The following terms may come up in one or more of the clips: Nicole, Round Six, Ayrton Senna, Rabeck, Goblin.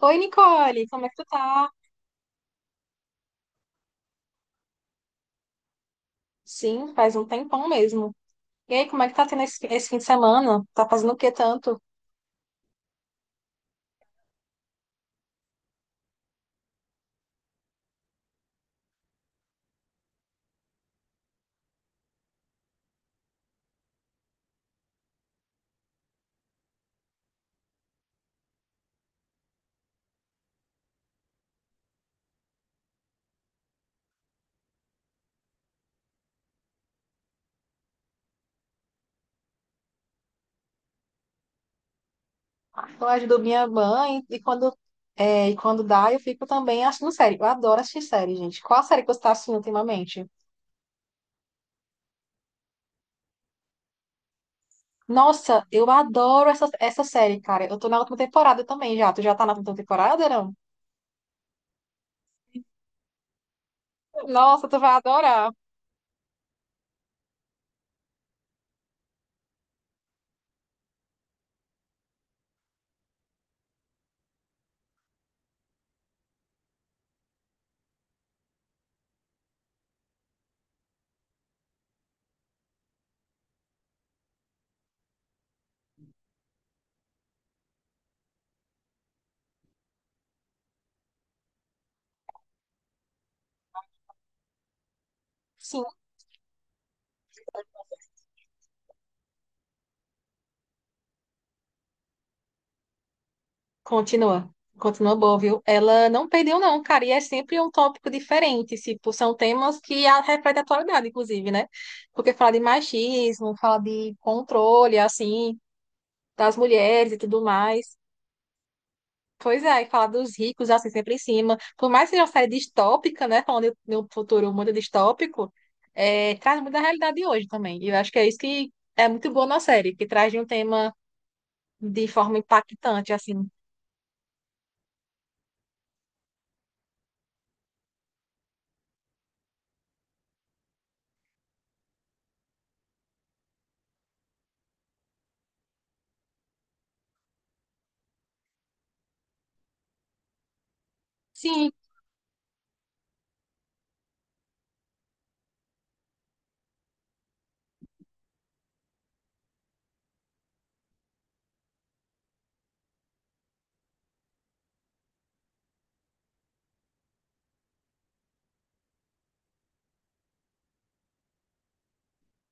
Oi, Nicole, como é que tu tá? Sim, faz um tempão mesmo. E aí, como é que tá tendo esse fim de semana? Tá fazendo o que tanto? Eu ajudo minha mãe e quando dá, eu fico também assistindo série. Eu adoro assistir série, gente. Qual a série que você tá assistindo ultimamente? Nossa, eu adoro essa série, cara. Eu tô na última temporada também já. Tu já tá na última temporada, não? Nossa, tu vai adorar. Sim, continua, continua boa, viu? Ela não perdeu, não, cara, e é sempre um tópico diferente, tipo, são temas que refletem a atualidade, inclusive, né? Porque fala de machismo, fala de controle, assim, das mulheres e tudo mais. Pois é, e fala dos ricos, assim, sempre em cima. Por mais que seja uma série distópica, né? Falando de um futuro muito distópico, traz muito da realidade de hoje também. E eu acho que é isso que é muito boa na série, que traz de um tema de forma impactante, assim. Sim,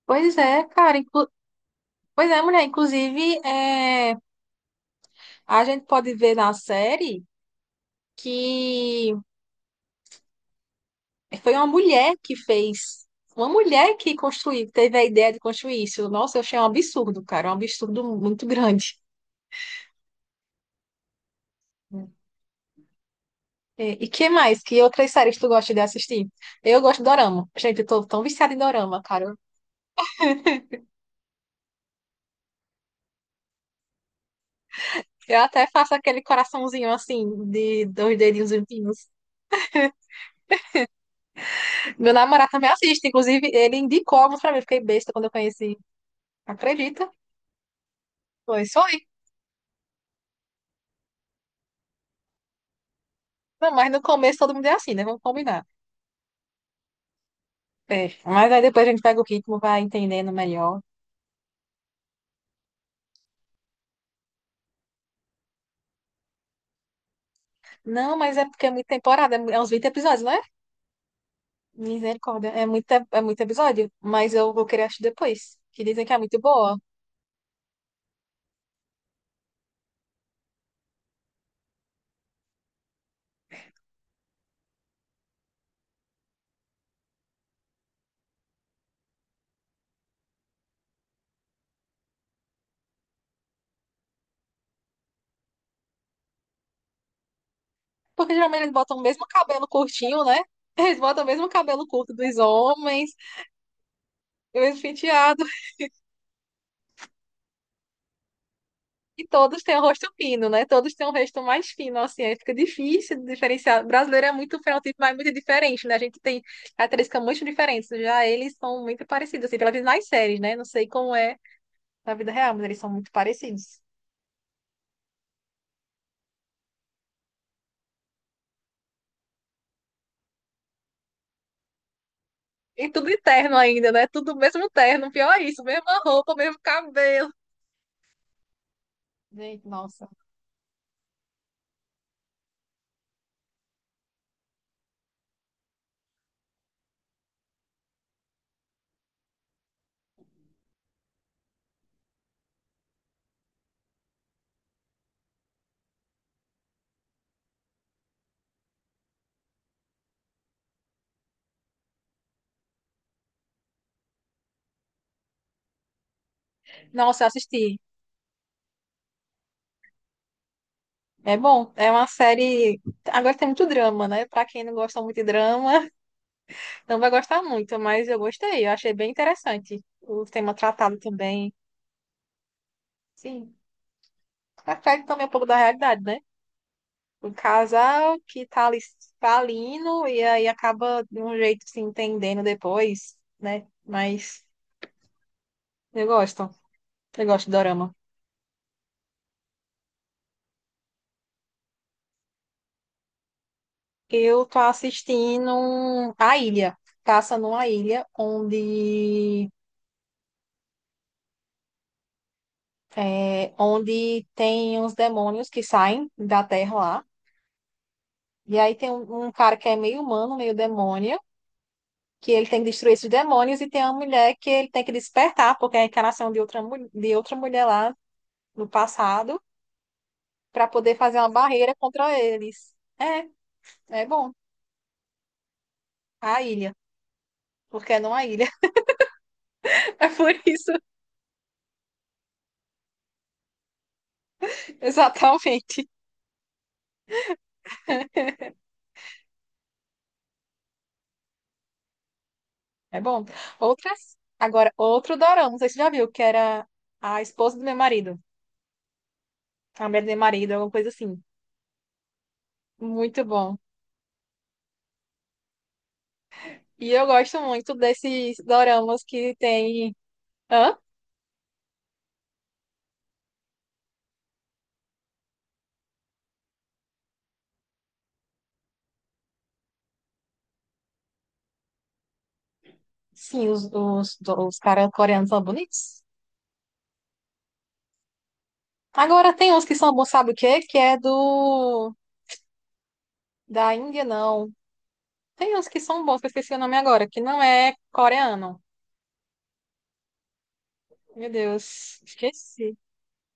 pois é, cara. Pois é, mulher. Inclusive, a gente pode ver na série que foi uma mulher que fez. Uma mulher que construiu, teve a ideia de construir isso. Nossa, eu achei um absurdo, cara. Um absurdo muito grande. É. E que mais? Que outras séries tu gosta de assistir? Eu gosto de dorama. Gente, eu tô tão viciada em dorama, cara. Eu até faço aquele coraçãozinho assim, de dois dedinhos limpinhos. Meu namorado também assiste, inclusive ele indicou alguns pra mim. Eu fiquei besta quando eu conheci. Acredita? Pois foi. Não, mas no começo todo mundo é assim, né? Vamos combinar. É. Mas aí depois a gente pega o ritmo, vai entendendo melhor. Não, mas é porque é muita temporada, é uns 20 episódios, não é? Misericórdia, é muito episódio. Mas eu vou querer assistir depois, que dizem que é muito boa. Porque geralmente eles botam o mesmo cabelo curtinho, né? Eles botam o mesmo cabelo curto dos homens, o mesmo penteado. E todos têm o rosto fino, né? Todos têm um rosto mais fino, assim, aí fica difícil de diferenciar. O brasileiro é muito fenotipo, mas muito diferente, né? A gente tem características muito diferentes. Já eles são muito parecidos, assim, pelo menos nas séries, né? Não sei como é na vida real, mas eles são muito parecidos. E tudo de terno ainda, né? Tudo mesmo terno, pior é isso, mesma roupa, mesmo cabelo. Gente, nossa. Nossa, eu assisti. É bom, é uma série. Agora tem muito drama, né? Pra quem não gosta muito de drama, não vai gostar muito, mas eu gostei. Eu achei bem interessante o tema tratado também. Sim, reflete também um pouco da realidade, né? Um casal que tá ali falindo e aí acaba de um jeito se entendendo depois, né? Mas eu gosto. Eu gosto de dorama. Eu tô assistindo A Ilha. Passa numa ilha onde tem uns demônios que saem da terra lá. E aí tem um cara que é meio humano, meio demônio. Que ele tem que destruir esses demônios, e tem uma mulher que ele tem que despertar, porque é a encarnação de outra, de outra mulher lá no passado, para poder fazer uma barreira contra eles. É, é bom. A ilha, porque não a ilha. É por isso, exatamente. É bom. Outras. Agora, outro dorama, não sei se você já viu, que era a esposa do meu marido, a mulher do meu marido, alguma coisa assim. Muito bom. E eu gosto muito desses doramas que tem. Hã? Sim, os caras coreanos são bonitos. Agora tem uns que são bons, sabe o quê? Que é do da Índia, não. Tem uns que são bons, que eu esqueci o nome agora, que não é coreano. Meu Deus, esqueci.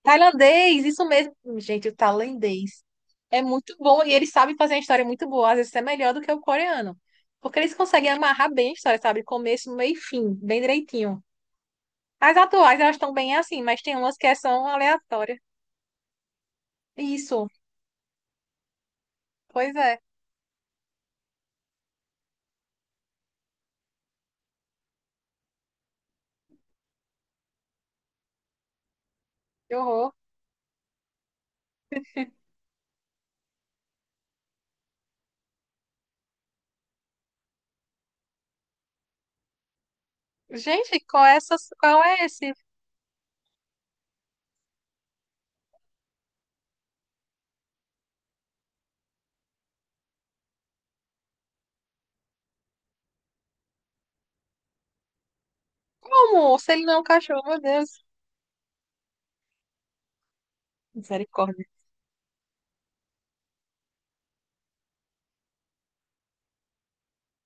Tailandês, isso mesmo. Gente, o tailandês é muito bom e eles sabem fazer uma história muito boa, às vezes é melhor do que o coreano. Porque eles conseguem amarrar bem a história, sabe? Começo, meio e fim, bem direitinho. As atuais, elas estão bem assim, mas tem umas que são aleatórias. Isso, pois é, que horror. Gente, qual é esse? Como? Se ele não é um cachorro, meu Deus. Misericórdia.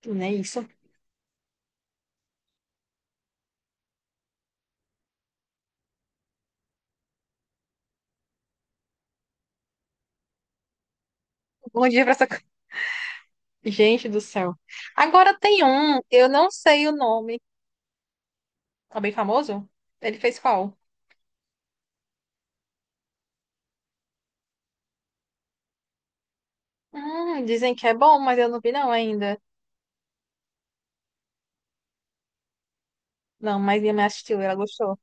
Não é isso. Bom dia pra essa. Gente do céu. Agora tem um, eu não sei o nome. Tá bem famoso? Ele fez qual? Dizem que é bom, mas eu não vi não ainda. Não, mas minha mãe assistiu, ela gostou.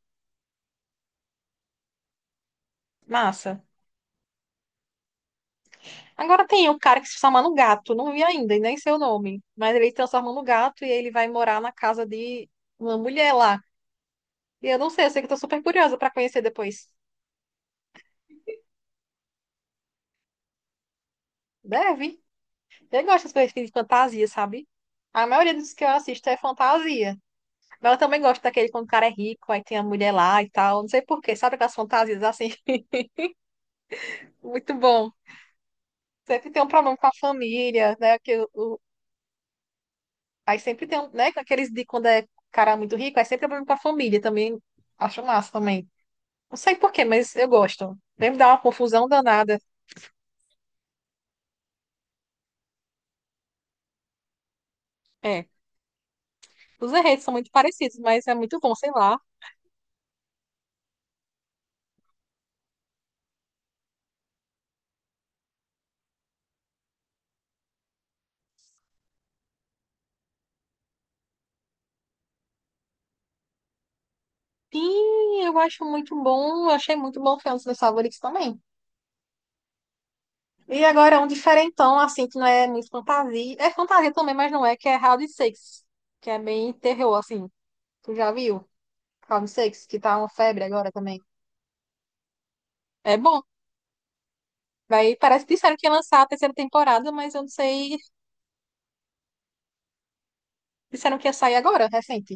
Massa. Agora tem o cara que se transforma no gato. Não vi ainda, e nem sei o nome. Mas ele se transforma no gato e ele vai morar na casa de uma mulher lá. E eu não sei, eu sei que eu tô super curiosa pra conhecer depois. Deve. Eu gosto das coisas de fantasia, sabe? A maioria dos que eu assisto é fantasia. Mas eu também gosto daquele quando o cara é rico, aí tem a mulher lá e tal. Não sei por quê, sabe aquelas fantasias assim? Muito bom. Sempre tem um problema com a família, né? Aí sempre tem, um, né? Com aqueles de quando é cara muito rico, aí sempre é problema com a família também. Acho massa também. Não sei por quê, mas eu gosto. Deve dar uma confusão danada. É. Os enredos são muito parecidos, mas é muito bom, sei lá. Sim, eu acho muito bom. Eu achei muito bom o filme dos meus favoritos também. E agora é um diferentão, assim, que não é muito fantasia. É fantasia também, mas não é, que é Round Six que é bem terror, assim. Tu já viu? Round Six que tá uma febre agora também. É bom. Vai, parece que disseram que ia lançar a terceira temporada, mas eu não sei. Disseram que ia sair agora, recente.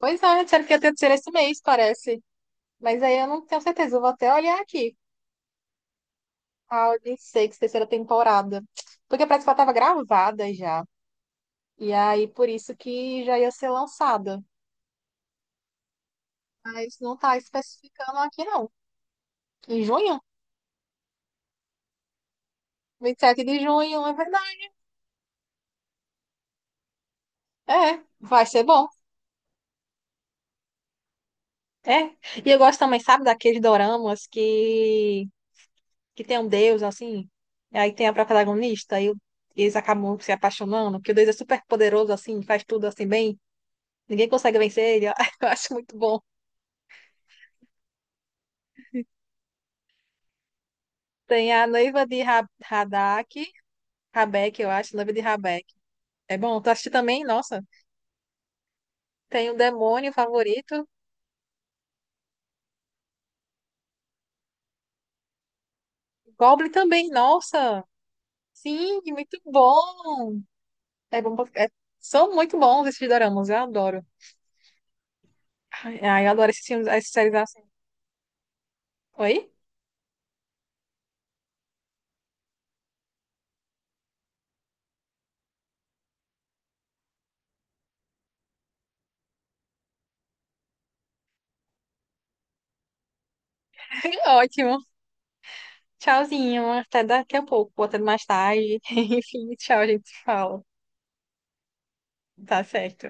Pois é, disseram que ia ter a terceira esse mês, parece. Mas aí eu não tenho certeza, eu vou até olhar aqui. Round Six terceira temporada. Porque parece que ela tava gravada já. E aí, por isso que já ia ser lançada. Mas não está especificando aqui, não. Em junho, 27 de junho, é verdade. É, vai ser bom. É. E eu gosto também, sabe, daqueles doramas que tem um deus, assim, e aí tem a protagonista, e eles acabam se apaixonando, porque o deus é super poderoso, assim, faz tudo assim bem, ninguém consegue vencer ele, ó. Eu acho muito bom. Tem a noiva de Radak, Rabeck, eu acho, noiva de Rabeck. É bom, tu assistiu também? Nossa. Tem o demônio favorito, Goblin também, nossa. Sim, muito bom. É bom, são muito bons esses doramas, eu adoro. Ai, ai, eu adoro esses filmes, essas séries assim. Oi? Ótimo. Tchauzinho. Até daqui a pouco, ou até mais tarde. Enfim, tchau, a gente se fala. Tá certo.